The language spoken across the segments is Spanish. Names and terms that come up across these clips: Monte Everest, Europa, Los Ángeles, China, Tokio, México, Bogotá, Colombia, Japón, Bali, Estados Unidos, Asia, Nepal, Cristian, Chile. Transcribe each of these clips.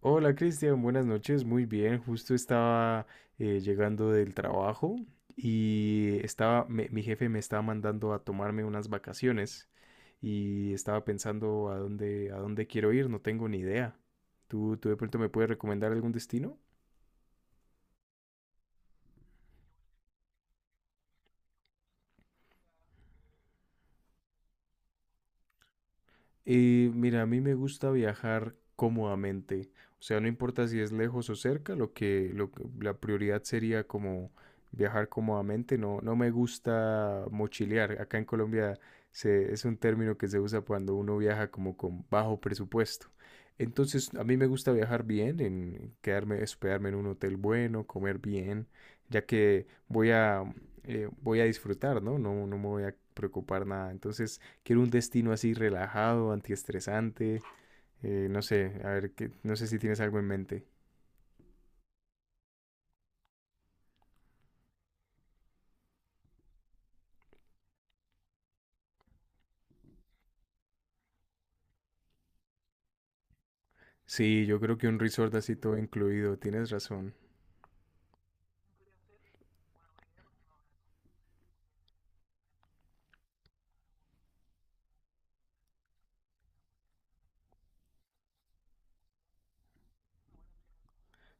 Hola Cristian, buenas noches, muy bien, justo estaba llegando del trabajo y estaba, mi jefe me estaba mandando a tomarme unas vacaciones y estaba pensando a dónde quiero ir, no tengo ni idea. ¿Tú de pronto me puedes recomendar algún destino? Y mira, a mí me gusta viajar cómodamente, o sea, no importa si es lejos o cerca, la prioridad sería como viajar cómodamente, no, no me gusta mochilear. Acá en Colombia es un término que se usa cuando uno viaja como con bajo presupuesto. Entonces, a mí me gusta viajar bien, en quedarme, hospedarme en un hotel bueno, comer bien, ya que voy a disfrutar, ¿no? No, no me voy a preocupar nada. Entonces, quiero un destino así relajado, antiestresante, no sé, a ver, que, no sé si tienes algo en mente. Sí, yo creo que un resort así todo incluido, tienes razón.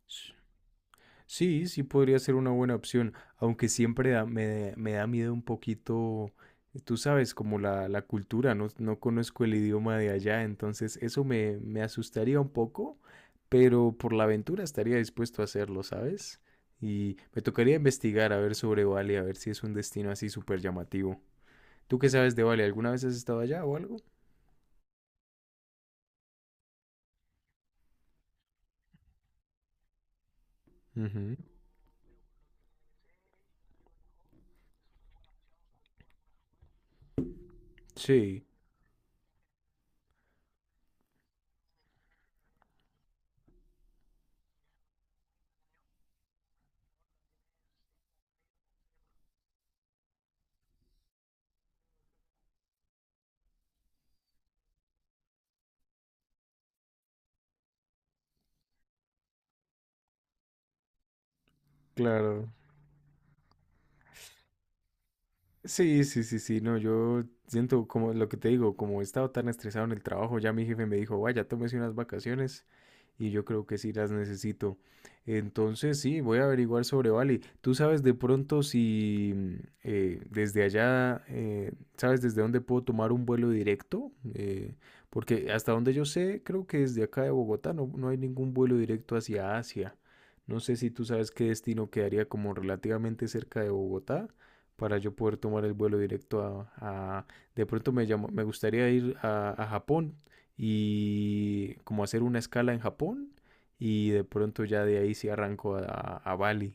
S- Sí, sí podría ser una buena opción, aunque siempre me da miedo un poquito, tú sabes, como la cultura, no, no conozco el idioma de allá, entonces eso me asustaría un poco, pero por la aventura estaría dispuesto a hacerlo, ¿sabes? Y me tocaría investigar a ver sobre Bali, a ver si es un destino así súper llamativo. ¿Tú qué sabes de Bali? ¿Alguna vez has estado allá o algo? Ujú. Sí, claro. Sí, sí, sí, sí, no, yo siento como lo que te digo, como he estado tan estresado en el trabajo, ya mi jefe me dijo, vaya, tómese unas vacaciones y yo creo que sí las necesito. Entonces, sí, voy a averiguar sobre Bali. ¿Tú sabes de pronto si desde allá, sabes desde dónde puedo tomar un vuelo directo? Porque hasta donde yo sé, creo que desde acá de Bogotá no, no hay ningún vuelo directo hacia Asia. No sé si tú sabes qué destino quedaría como relativamente cerca de Bogotá para yo poder tomar el vuelo directo de pronto me llamo, me gustaría ir a Japón y como hacer una escala en Japón y de pronto ya de ahí sí arranco a Bali.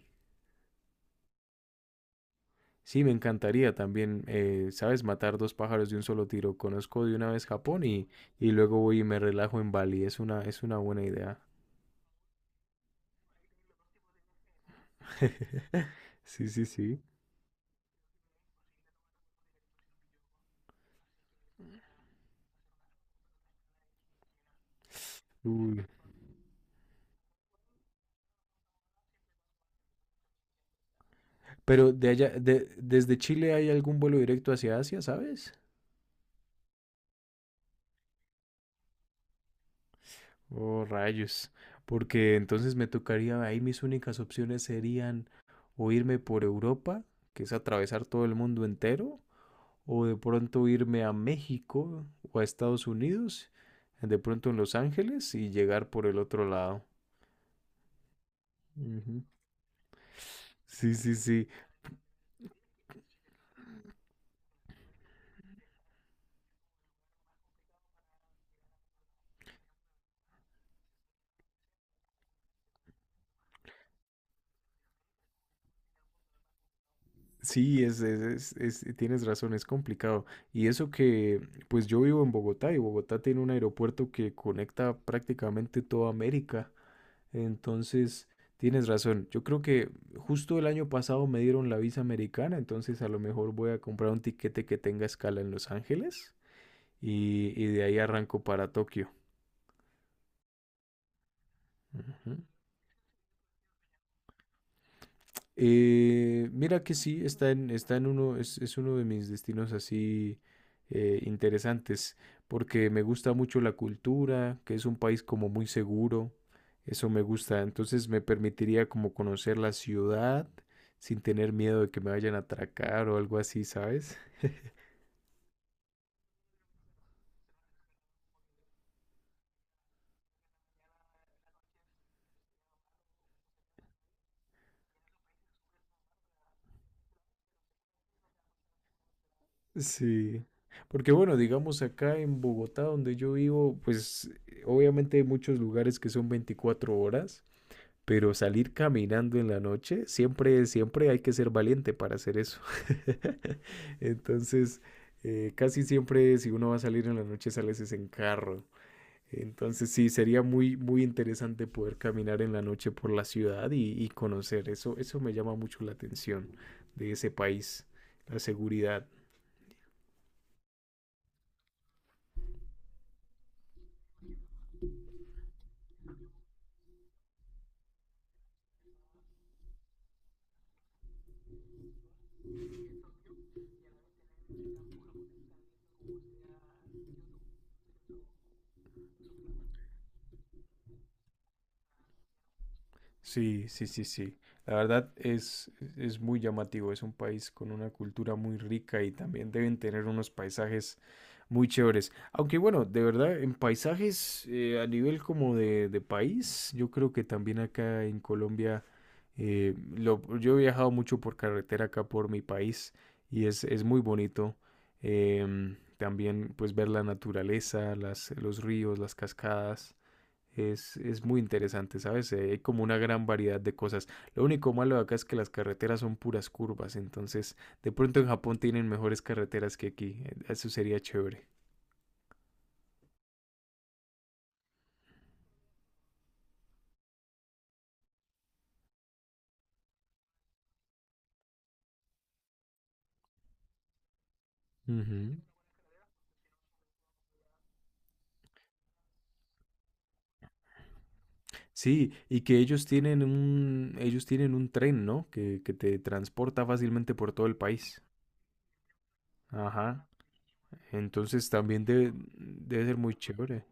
Sí, me encantaría también, ¿sabes? Matar dos pájaros de un solo tiro. Conozco de una vez Japón y luego voy y me relajo en Bali. Es una buena idea. Sí, sí, sí. Uy. Pero de allá, desde Chile hay algún vuelo directo hacia Asia, ¿sabes? Oh, rayos. Porque entonces me tocaría, ahí mis únicas opciones serían o irme por Europa, que es atravesar todo el mundo entero, o de pronto irme a México o a Estados Unidos, de pronto en Los Ángeles y llegar por el otro lado. Ujú. Sí, sí, sí. Sí, tienes razón, es complicado. Y eso que, pues yo vivo en Bogotá y Bogotá tiene un aeropuerto que conecta prácticamente toda América. Entonces, tienes razón. Yo creo que justo el año pasado me dieron la visa americana, entonces a lo mejor voy a comprar un tiquete que tenga escala en Los Ángeles y de ahí arranco para Tokio. Ujú. Mira que sí, está en uno, es uno de mis destinos así interesantes, porque me gusta mucho la cultura, que es un país como muy seguro, eso me gusta, entonces me permitiría como conocer la ciudad sin tener miedo de que me vayan a atracar o algo así, ¿sabes? Sí, porque bueno, digamos acá en Bogotá, donde yo vivo, pues obviamente hay muchos lugares que son 24 horas. Pero salir caminando en la noche, siempre hay que ser valiente para hacer eso. Entonces, casi siempre si uno va a salir en la noche, sales es en carro. Entonces, sí, sería muy, muy interesante poder caminar en la noche por la ciudad y conocer. Eso me llama mucho la atención de ese país, la seguridad. Sí, sí, sí, sí. La verdad es muy llamativo. Es un país con una cultura muy rica y también deben tener unos paisajes muy chéveres. Aunque bueno, de verdad, en paisajes a nivel como de país, yo creo que también acá en Colombia, yo he viajado mucho por carretera acá por mi país y es muy bonito. También pues ver la naturaleza, las, los ríos, las cascadas. Es muy interesante, ¿sabes? Hay como una gran variedad de cosas. Lo único malo de acá es que las carreteras son puras curvas, entonces de pronto en Japón tienen mejores carreteras que aquí. Eso sería chévere. Ujú. Sí, y que ellos tienen un tren, ¿no? Que te transporta fácilmente por todo el país. Ajá. Entonces también debe ser muy chévere.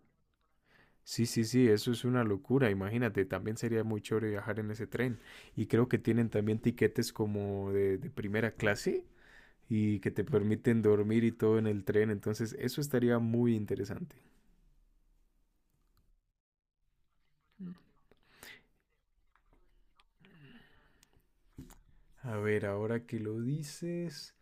Sí, sí, sí, eso es una locura. Imagínate, también sería muy chévere viajar en ese tren. Y creo que tienen también tiquetes como de primera clase y que te permiten dormir y todo en el tren. Entonces, eso estaría muy interesante. A ver, ahora que lo dices,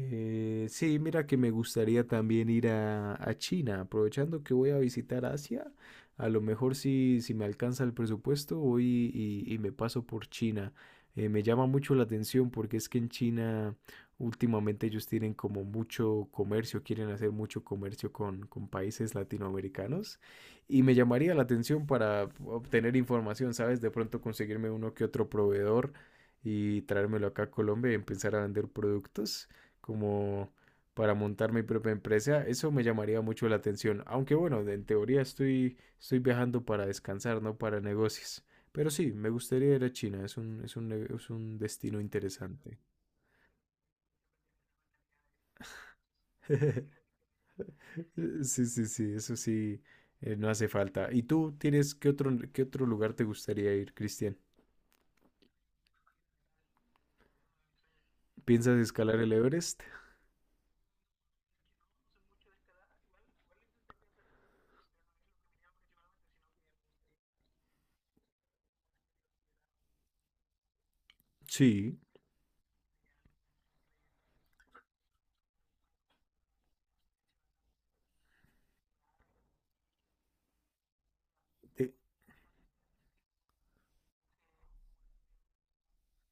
sí, mira que me gustaría también ir a China, aprovechando que voy a visitar Asia, a lo mejor si me alcanza el presupuesto voy y me paso por China. Me llama mucho la atención porque es que en China últimamente ellos tienen como mucho comercio, quieren hacer mucho comercio con países latinoamericanos y me llamaría la atención para obtener información, ¿sabes? De pronto conseguirme uno que otro proveedor y traérmelo acá a Colombia y empezar a vender productos como para montar mi propia empresa, eso me llamaría mucho la atención. Aunque bueno, en teoría estoy viajando para descansar, no para negocios. Pero sí, me gustaría ir a China, es un destino interesante. Sí, sí, sí, eso sí, no hace falta. ¿Y tú tienes qué otro lugar te gustaría ir, Cristian? ¿Piensas escalar el Everest? Sí.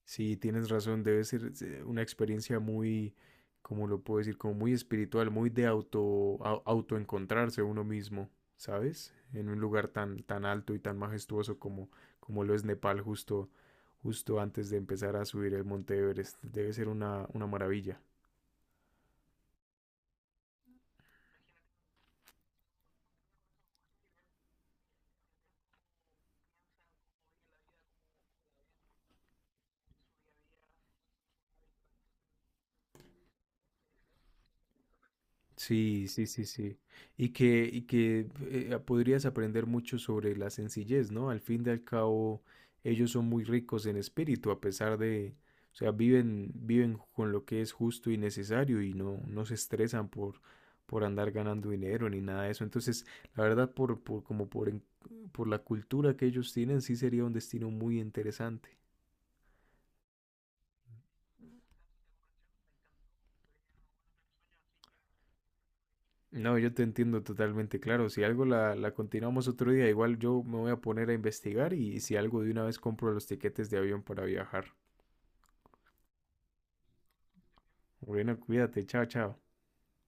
Sí, tienes razón, debe ser una experiencia muy, como lo puedo decir, como muy espiritual, muy de autoencontrarse uno mismo, ¿sabes? En un lugar tan, tan alto y tan majestuoso como, como lo es Nepal justo antes de empezar a subir el Monte Everest. Debe ser una maravilla. Sí, sí, sí, sí. Y que podrías aprender mucho sobre la sencillez, ¿no? Al fin y al cabo, ellos son muy ricos en espíritu, a pesar de, o sea, viven con lo que es justo y necesario y no, no se estresan por andar ganando dinero ni nada de eso. Entonces, la verdad, por, como por, en- por la cultura que ellos tienen, sí sería un destino muy interesante. No, yo te entiendo totalmente, claro. Si algo la continuamos otro día, igual yo me voy a poner a investigar y si algo de una vez compro los tiquetes de avión para viajar. Bueno, cuídate, chao, chao.